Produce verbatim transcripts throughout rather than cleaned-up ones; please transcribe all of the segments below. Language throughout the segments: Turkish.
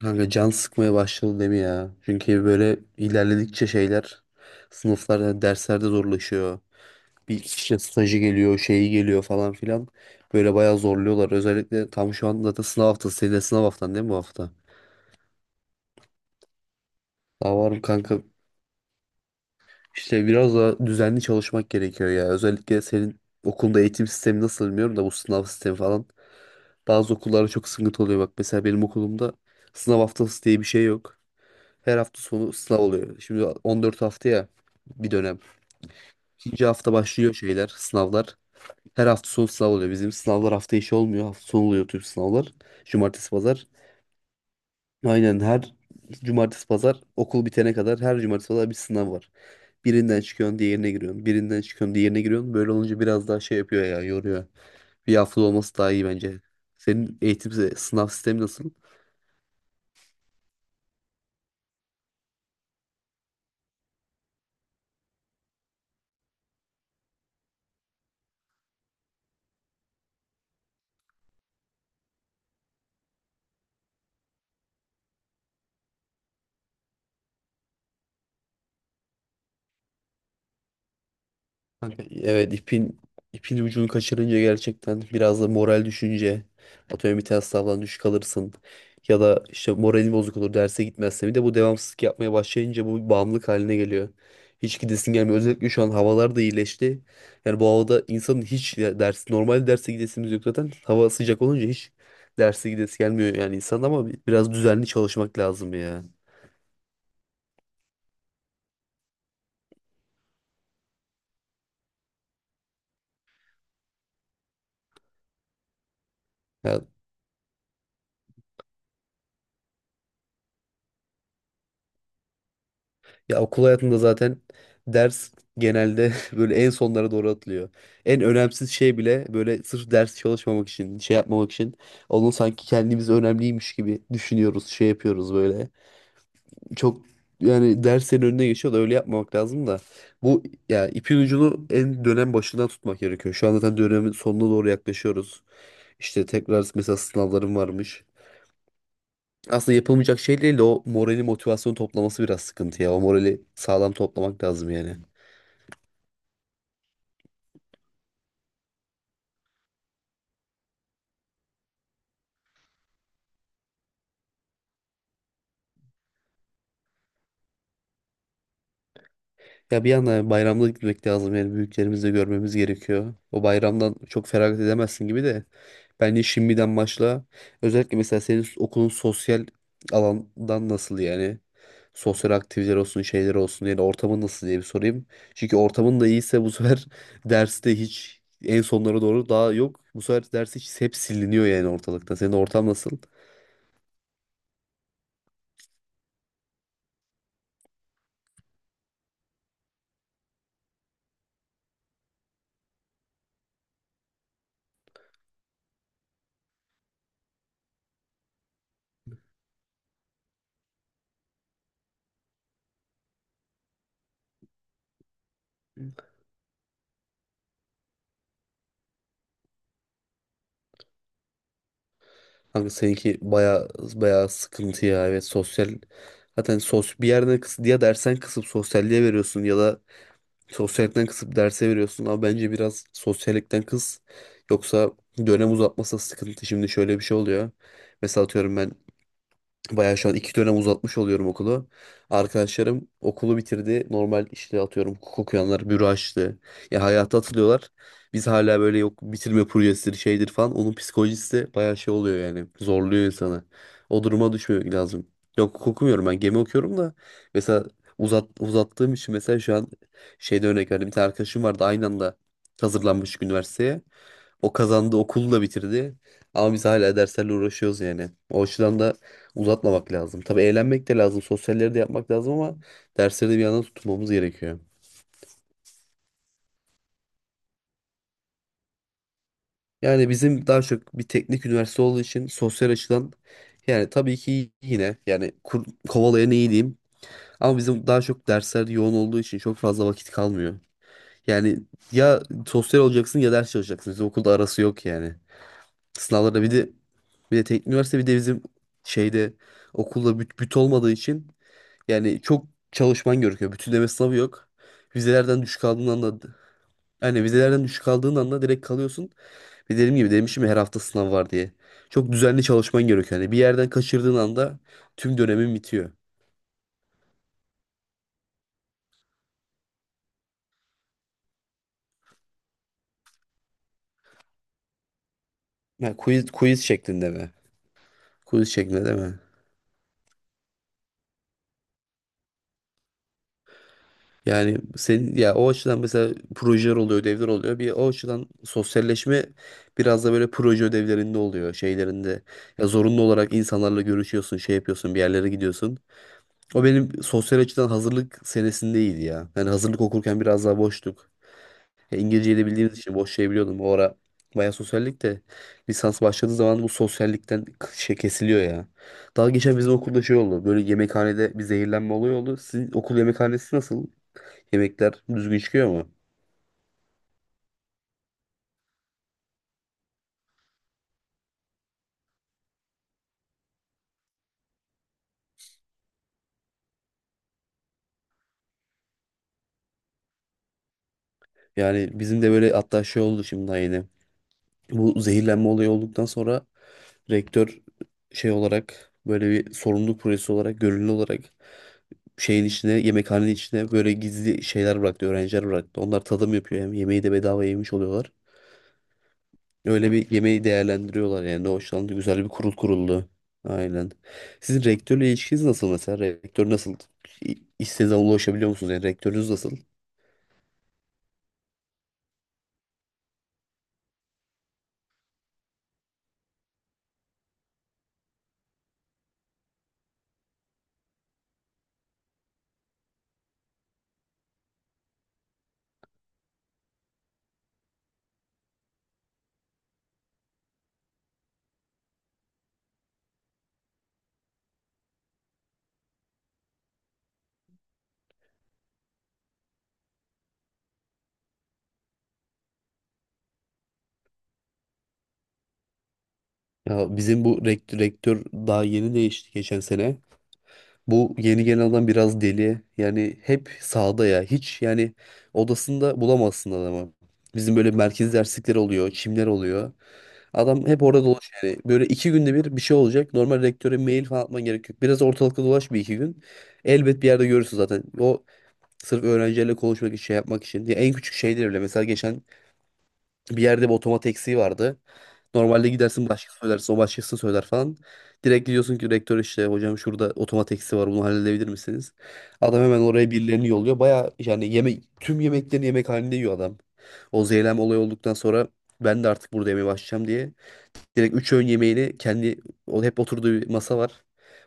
Kanka can sıkmaya başladı değil mi ya? Çünkü böyle ilerledikçe şeyler sınıflarda, derslerde zorlaşıyor. Bir işte stajı geliyor, şeyi geliyor falan filan. Böyle bayağı zorluyorlar. Özellikle tam şu anda zaten sınav haftası. Senin de sınav haftan değil mi bu hafta? Daha var mı kanka? İşte biraz da düzenli çalışmak gerekiyor ya. Özellikle senin okulda eğitim sistemi nasıl bilmiyorum da bu sınav sistemi falan. Bazı okullarda çok sıkıntı oluyor. Bak mesela benim okulumda sınav haftası diye bir şey yok. Her hafta sonu sınav oluyor. Şimdi on dört hafta ya bir dönem. İkinci hafta başlıyor şeyler, sınavlar. Her hafta sonu sınav oluyor. Bizim sınavlar hafta içi olmuyor. Hafta sonu oluyor tüm sınavlar. Cumartesi, pazar. Aynen her cumartesi, pazar okul bitene kadar her cumartesi, pazar bir sınav var. Birinden çıkıyorsun, diğerine giriyorsun. Birinden çıkıyorsun, diğerine giriyorsun. Böyle olunca biraz daha şey yapıyor ya, yoruyor. Bir hafta olması daha iyi bence. Senin eğitim sınav sistemi nasıl? Kanka, evet, ipin ipin ucunu kaçırınca gerçekten biraz da moral düşünce atıyorum bir test sınavdan düşük alırsın, ya da işte moralin bozuk olur derse gitmezse bir de bu devamsızlık yapmaya başlayınca bu bir bağımlılık haline geliyor. Hiç gidesin gelmiyor. Özellikle şu an havalar da iyileşti. Yani bu havada insanın hiç ya ders normal derse gidesimiz yok zaten. Hava sıcak olunca hiç derse gidesi gelmiyor yani insan, ama biraz düzenli çalışmak lazım ya. Ya Ya okul hayatında zaten ders genelde böyle en sonlara doğru atılıyor. En önemsiz şey bile böyle sırf ders çalışmamak için, şey yapmamak için onu sanki kendimiz önemliymiş gibi düşünüyoruz, şey yapıyoruz böyle. Çok yani derslerin önüne geçiyor da öyle yapmamak lazım da. Bu ya ipin ucunu en dönem başından tutmak gerekiyor. Şu an zaten dönemin sonuna doğru yaklaşıyoruz. İşte tekrar mesela sınavlarım varmış. Aslında yapılmayacak şey değil de o morali motivasyonu toplaması biraz sıkıntı ya. O morali sağlam toplamak lazım yani. Ya bir yandan bayramda gitmek lazım yani büyüklerimizi de görmemiz gerekiyor. O bayramdan çok feragat edemezsin gibi de. Bence şimdiden başla. Özellikle mesela senin okulun sosyal alandan nasıl yani? Sosyal aktiviteler olsun, şeyler olsun yani ortamın nasıl diye bir sorayım. Çünkü ortamın da iyiyse bu sefer derste hiç en sonlara doğru daha yok. Bu sefer ders hiç hep siliniyor yani ortalıkta. Senin ortam nasıl? Kanka seninki baya baya sıkıntı ya. Evet sosyal zaten sos bir yerden kıs ya dersen kısıp sosyalliğe veriyorsun ya da sosyallikten kısıp derse veriyorsun. Ama bence biraz sosyallikten kıs. Yoksa dönem uzatması da sıkıntı. Şimdi şöyle bir şey oluyor. Mesela atıyorum ben bayağı şu an iki dönem uzatmış oluyorum okulu. Arkadaşlarım okulu bitirdi. Normal işte atıyorum hukuk okuyanlar büro açtı. Ya hayata atılıyorlar. Biz hala böyle yok bitirme projesidir şeydir falan. Onun psikolojisi de bayağı şey oluyor yani. Zorluyor insanı. O duruma düşmemek lazım. Yok hukuk okumuyorum, ben gemi okuyorum da. Mesela uzat, uzattığım için mesela şu an şeyde örnek verdim. Bir tane arkadaşım vardı aynı anda hazırlanmış üniversiteye. O kazandı, okulu da bitirdi. Ama biz hala derslerle uğraşıyoruz yani. O açıdan da uzatmamak lazım. Tabii eğlenmek de lazım, sosyalleri de yapmak lazım ama dersleri de bir yandan tutmamız gerekiyor. Yani bizim daha çok bir teknik üniversite olduğu için sosyal açıdan yani tabii ki yine yani kur, kovalayan iyi diyeyim. Ama bizim daha çok dersler yoğun olduğu için çok fazla vakit kalmıyor. Yani ya sosyal olacaksın ya ders çalışacaksın. Bizim okulda arası yok yani. Sınavlarda bir de bir de teknik üniversite bir de bizim şeyde okulda büt, büt olmadığı için yani çok çalışman gerekiyor. Bütünleme sınavı yok. Vizelerden düşük aldığın anda yani vizelerden düşük aldığın anda direkt kalıyorsun. Ve dediğim gibi demişim ya her hafta sınav var diye. Çok düzenli çalışman gerekiyor. Yani bir yerden kaçırdığın anda tüm dönemin bitiyor. Yani quiz, quiz şeklinde mi? Quiz şeklinde değil mi? Yani senin ya o açıdan mesela projeler oluyor, ödevler oluyor. Bir o açıdan sosyalleşme biraz da böyle proje ödevlerinde oluyor, şeylerinde. Ya zorunlu olarak insanlarla görüşüyorsun, şey yapıyorsun, bir yerlere gidiyorsun. O benim sosyal açıdan hazırlık senesindeydi ya. Yani hazırlık okurken biraz daha boştuk. Ya İngilizceyi de bildiğimiz için boş şey biliyordum. O ara bayağı sosyallik de lisans başladığı zaman bu sosyallikten k- şey kesiliyor ya. Daha geçen bizim okulda şey oldu. Böyle yemekhanede bir zehirlenme olayı oldu. Sizin okul yemekhanesi nasıl? Yemekler düzgün çıkıyor mu? Yani bizim de böyle hatta şey oldu şimdi daha yeni. Bu zehirlenme olayı olduktan sonra rektör şey olarak böyle bir sorumluluk projesi olarak gönüllü olarak şeyin içine yemekhanenin içine böyle gizli şeyler bıraktı öğrenciler bıraktı. Onlar tadım yapıyor hem yemeği de bedava yemiş oluyorlar. Öyle bir yemeği değerlendiriyorlar yani. Ne hoşlandı, güzel bir kurul kuruldu. Aynen. Sizin rektörle ilişkiniz nasıl mesela? Rektör nasıl? İ- İstediğiniz zaman ulaşabiliyor musunuz? Yani rektörünüz nasıl? Ya bizim bu rektör, rektör daha yeni değişti geçen sene. Bu yeni gelen adam biraz deli. Yani hep sağda ya. Hiç yani odasında bulamazsın adamı. Bizim böyle merkez derslikleri oluyor, çimler oluyor. Adam hep orada dolaş yani. Böyle iki günde bir bir şey olacak. Normal rektöre mail falan atman gerek yok. Biraz ortalıkta dolaş bir iki gün. Elbet bir yerde görürsün zaten. O sırf öğrencilerle konuşmak için, şey yapmak için. Ya en küçük şeyler bile. Mesela geçen bir yerde bir otomat eksiği vardı. Normalde gidersin başkası söylerse o başkası söyler falan. Direkt diyorsun ki rektör işte hocam şurada otomat eksiği var bunu halledebilir misiniz? Adam hemen oraya birilerini yolluyor. Baya yani yemek tüm yemeklerini yemek halinde yiyor adam. O zeylem olayı olduktan sonra ben de artık burada yemeye başlayacağım diye. Direkt üç öğün yemeğini kendi o hep oturduğu masa var.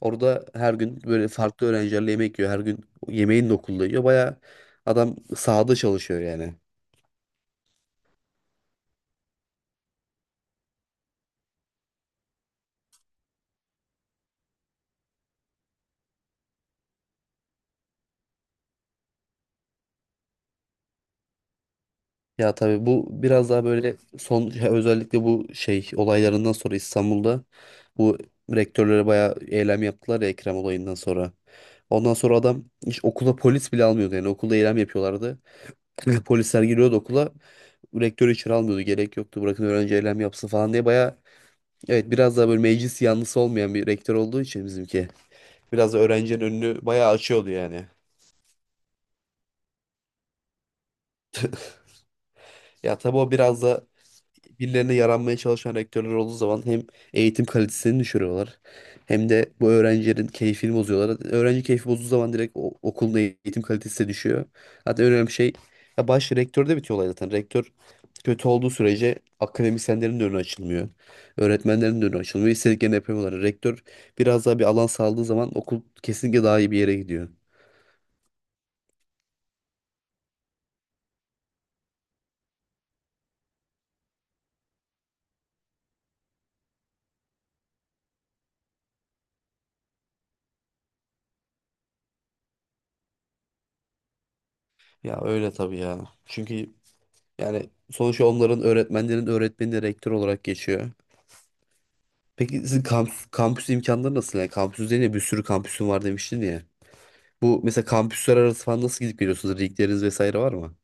Orada her gün böyle farklı öğrencilerle yemek yiyor. Her gün yemeğini de okulda yiyor. Baya adam sahada çalışıyor yani. Ya tabii bu biraz daha böyle son ya özellikle bu şey olaylarından sonra İstanbul'da bu rektörlere bayağı eylem yaptılar ya Ekrem olayından sonra. Ondan sonra adam hiç okula polis bile almıyordu yani okulda eylem yapıyorlardı. Polisler giriyordu okula, rektörü içeri almıyordu, gerek yoktu bırakın öğrenci eylem yapsın falan diye bayağı evet biraz daha böyle meclis yanlısı olmayan bir rektör olduğu için bizimki biraz da öğrencinin önünü bayağı açıyordu yani. Ya tabii o biraz da birilerine yaranmaya çalışan rektörler olduğu zaman hem eğitim kalitesini düşürüyorlar hem de bu öğrencilerin keyfini bozuyorlar. Öğrenci keyfi bozduğu zaman direkt o- okulun eğitim kalitesi de düşüyor. Hatta en önemli şey ya baş rektörde bitiyor olay zaten. Rektör kötü olduğu sürece akademisyenlerin de önü açılmıyor. Öğretmenlerin de önü açılmıyor. İstediklerini yapamıyorlar. Rektör biraz daha bir alan sağladığı zaman okul kesinlikle daha iyi bir yere gidiyor. Ya öyle tabii ya. Çünkü yani sonuçta onların öğretmenlerin öğretmeni de rektör olarak geçiyor. Peki sizin kampüs, kampüs imkanları nasıl? Yani kampüs üzerine bir sürü kampüsün var demiştin ya. Bu mesela kampüsler arası falan nasıl gidip geliyorsunuz? Ligleriniz vesaire var mı?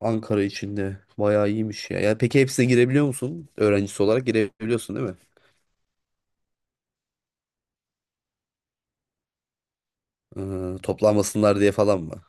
Ankara içinde bayağı iyiymiş ya. Yani peki hepsine girebiliyor musun? Öğrencisi olarak girebiliyorsun değil mi? Ee, toplanmasınlar diye falan mı?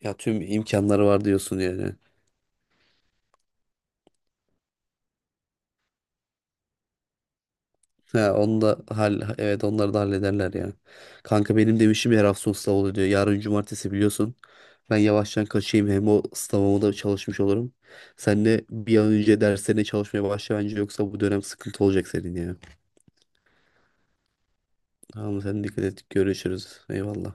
Ya tüm imkanları var diyorsun yani. He, onu da hal evet onları da hallederler ya. Kanka benim demişim işim her hafta sonu sınav oluyor diyor. Yarın cumartesi biliyorsun. Ben yavaştan kaçayım hem o sınavıma da çalışmış olurum. Sen de bir an önce derslerine çalışmaya başla bence yoksa bu dönem sıkıntı olacak senin ya. Tamam sen dikkat et, görüşürüz. Eyvallah.